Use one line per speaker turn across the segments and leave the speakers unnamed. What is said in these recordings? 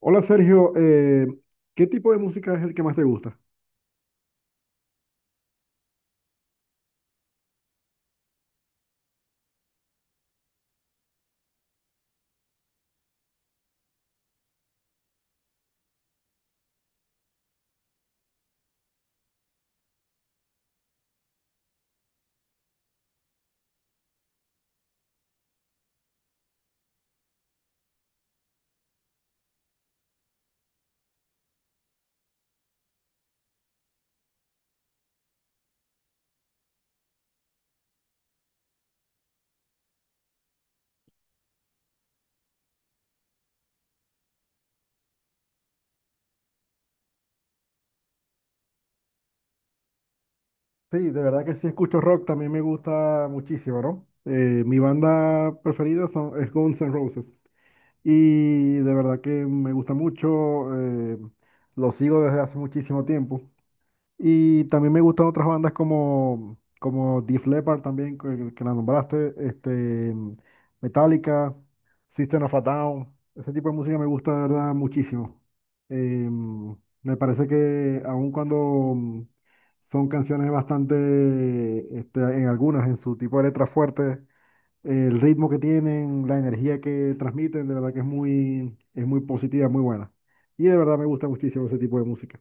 Hola Sergio, ¿qué tipo de música es el que más te gusta? Sí, de verdad que sí escucho rock, también me gusta muchísimo, ¿no? Mi banda preferida es Guns N' Roses y de verdad que me gusta mucho, lo sigo desde hace muchísimo tiempo. Y también me gustan otras bandas como Def Leppard también, que la nombraste, este, Metallica, System of a Down. Ese tipo de música me gusta de verdad muchísimo. Em, Me parece que aun cuando mm, son canciones bastante, este, en algunas, en su tipo de letras fuertes, el ritmo que tienen, la energía que transmiten, de verdad que es muy positiva, muy buena. Y de verdad me gusta muchísimo ese tipo de música.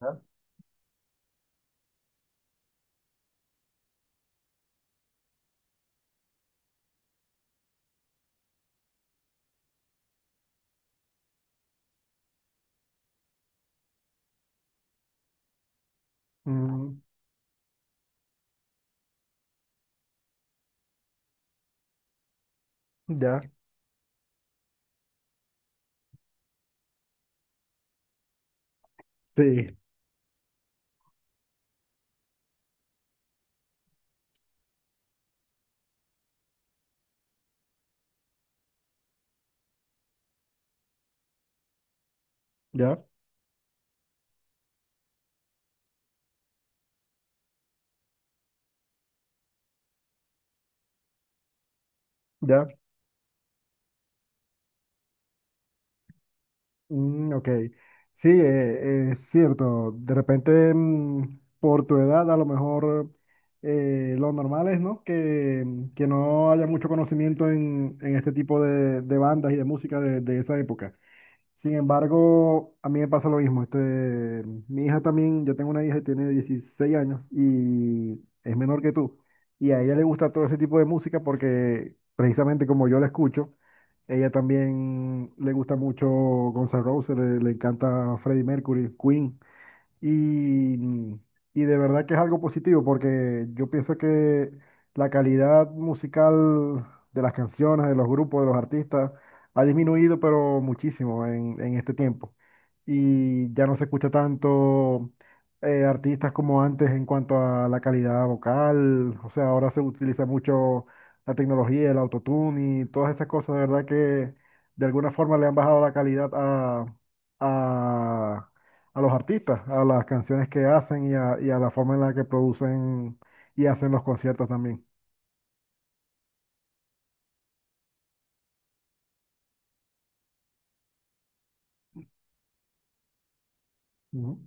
¿Verdad? Mm, ya. Sí, ya, ya. Mm, ok. Sí, es cierto. De repente, mm, por tu edad, a lo mejor lo normal es, ¿no? Que no haya mucho conocimiento en este tipo de bandas y de música de esa época. Sin embargo, a mí me pasa lo mismo. Este, mi hija también, yo tengo una hija que tiene 16 años y es menor que tú. Y a ella le gusta todo ese tipo de música porque precisamente como yo la escucho, ella también le gusta mucho Guns N' Roses, le encanta Freddie Mercury, Queen. Y, y de verdad que es algo positivo porque yo pienso que la calidad musical de las canciones, de los grupos, de los artistas, ha disminuido pero muchísimo en este tiempo. Y ya no se escucha tanto artistas como antes en cuanto a la calidad vocal. O sea, ahora se utiliza mucho la tecnología, el autotune y todas esas cosas. De verdad que de alguna forma le han bajado la calidad a, a a los artistas, a las canciones que hacen y a la forma en la que producen y hacen los conciertos también. Ujú.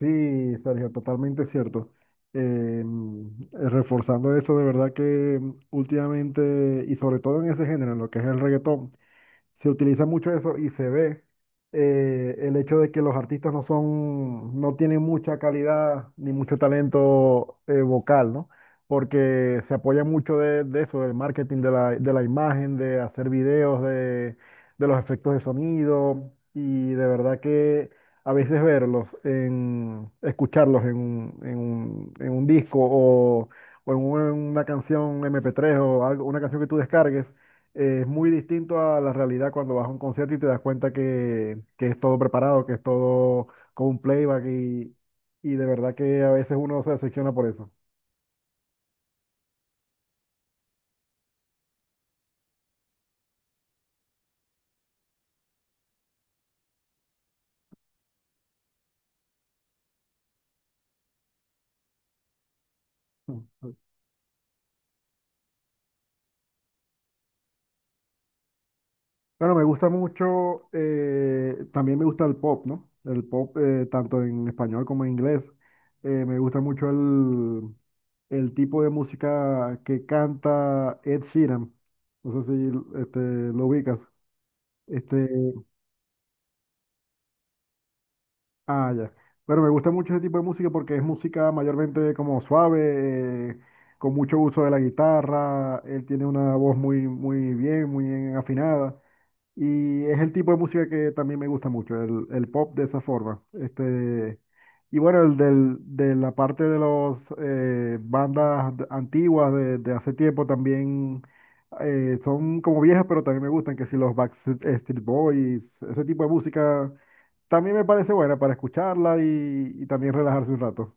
Sí, Sergio, totalmente cierto. Eh, reforzando eso, de verdad que últimamente, y sobre todo en ese género, en lo que es el reggaetón, se utiliza mucho eso y se ve el hecho de que los artistas no son, no tienen mucha calidad ni mucho talento vocal, ¿no? Porque se apoya mucho de eso, del marketing de de la imagen, de hacer videos, de los efectos de sonido y de verdad que a veces verlos, en, escucharlos en un, en un, en un disco o en una canción MP3 o algo, una canción que tú descargues es muy distinto a la realidad cuando vas a un concierto y te das cuenta que es todo preparado, que es todo con un playback y de verdad que a veces uno se decepciona por eso. Mm. Bueno, me gusta mucho, también me gusta el pop, ¿no? El pop, tanto en español como en inglés. Me gusta mucho el tipo de música que canta Ed Sheeran. No sé si este, lo ubicas. Este, ah, ya. Bueno, me gusta mucho ese tipo de música porque es música mayormente como suave, con mucho uso de la guitarra. Él tiene una voz muy, muy bien afinada. Y es el tipo de música que también me gusta mucho, el pop de esa forma. Este, y bueno, el del, de la parte de las bandas de- antiguas de hace tiempo también son como viejas, pero también me gustan, que si los Backstreet Boys, ese tipo de música también me parece buena para escucharla y también relajarse un rato.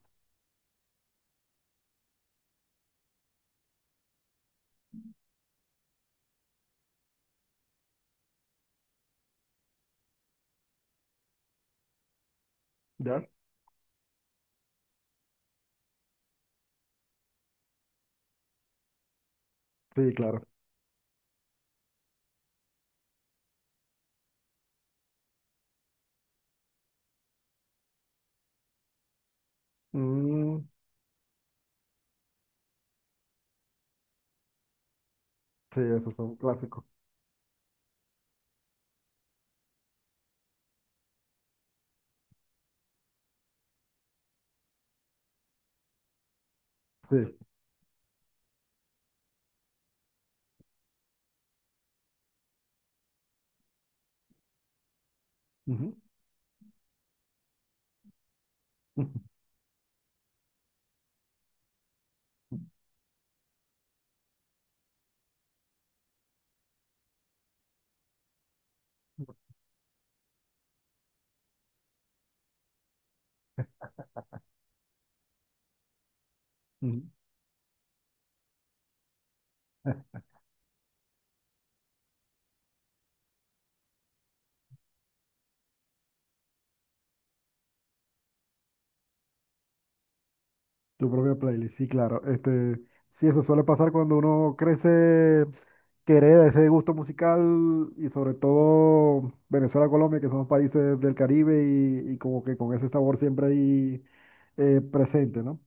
¿Ya? Sí, claro. Mm, sí, esos son clásicos. Sí. Ujú, ujú, ujú. Tu propia playlist, sí, claro. Este, sí, eso suele pasar cuando uno crece, que hereda ese gusto musical y sobre todo Venezuela, Colombia, que son países del Caribe y como que con ese sabor siempre ahí presente, ¿no?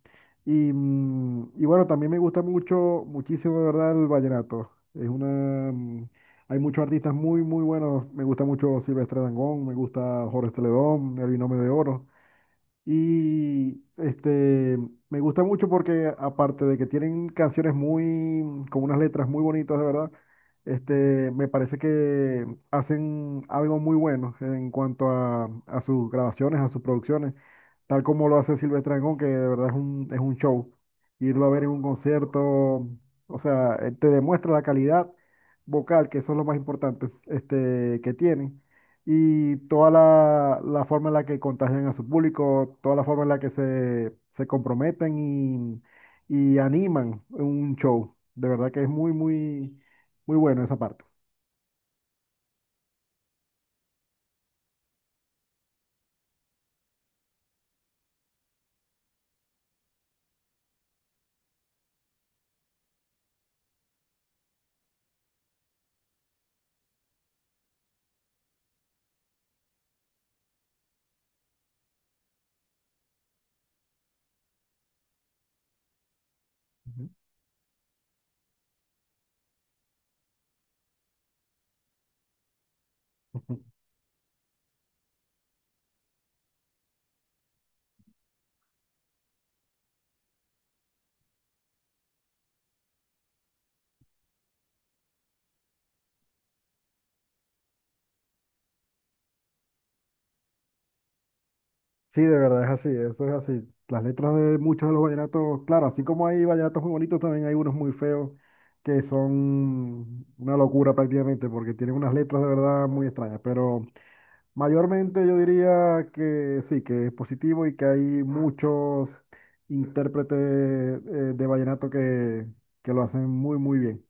Y, mm, y bueno, también me gusta mucho, muchísimo, de verdad, el vallenato. Es una, mm, hay muchos artistas muy, muy buenos. Me gusta mucho Silvestre Dangond, me gusta Jorge Celedón, El Binomio de Oro. Y este, me gusta mucho porque aparte de que tienen canciones muy, con unas letras muy bonitas, de verdad, este, me parece que hacen algo muy bueno en cuanto a sus grabaciones, a sus producciones, tal como lo hace Silvestre Dangond, que de verdad es un show. Irlo a ver en un concierto, o sea, te demuestra la calidad vocal, que eso es lo más importante, este, que tienen y toda la, la forma en la que contagian a su público, toda la forma en la que se comprometen y animan un show. De verdad que es muy, muy, muy bueno esa parte. Ujú. Ujú. Sí, de verdad es así, eso es así. Las letras de muchos de los vallenatos, claro, así como hay vallenatos muy bonitos, también hay unos muy feos que son una locura prácticamente, porque tienen unas letras de verdad muy extrañas, pero... Mayormente yo diría que sí, que es positivo y que hay muchos intérpretes de vallenato que lo hacen muy, muy bien.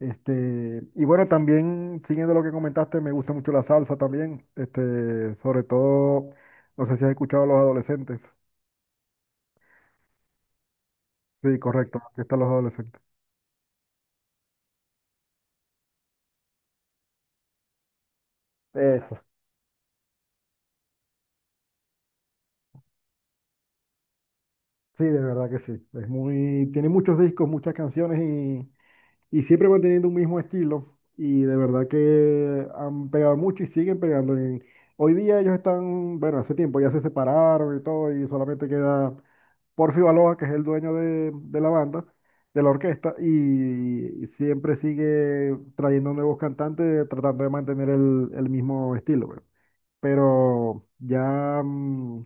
Este, y bueno, también, siguiendo lo que comentaste, me gusta mucho la salsa también, este, sobre todo, no sé si has escuchado a los adolescentes. Sí, correcto, aquí están los adolescentes. Eso, sí, de verdad que sí. Es muy, tiene muchos discos, muchas canciones y siempre manteniendo un mismo estilo y de verdad que han pegado mucho y siguen pegando. En- hoy día ellos están, bueno, hace tiempo ya se separaron y todo y solamente queda Porfi Baloa, que es el dueño de la banda, de la orquesta y, siempre sigue trayendo nuevos cantantes tratando de mantener el mismo estilo, pues. Pero ya, mm,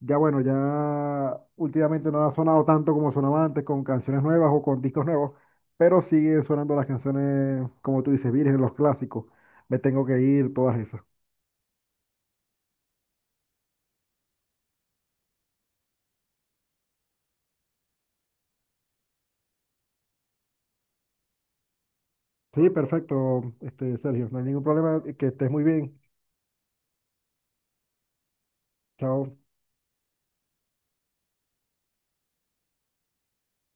ya bueno, ya últimamente no ha sonado tanto como sonaba antes con canciones nuevas o con discos nuevos, pero siguen sonando las canciones, como tú dices, virgen, los clásicos. Me tengo que ir, todas esas. Sí, perfecto, este, Sergio, no hay ningún problema, que estés muy bien. Chao.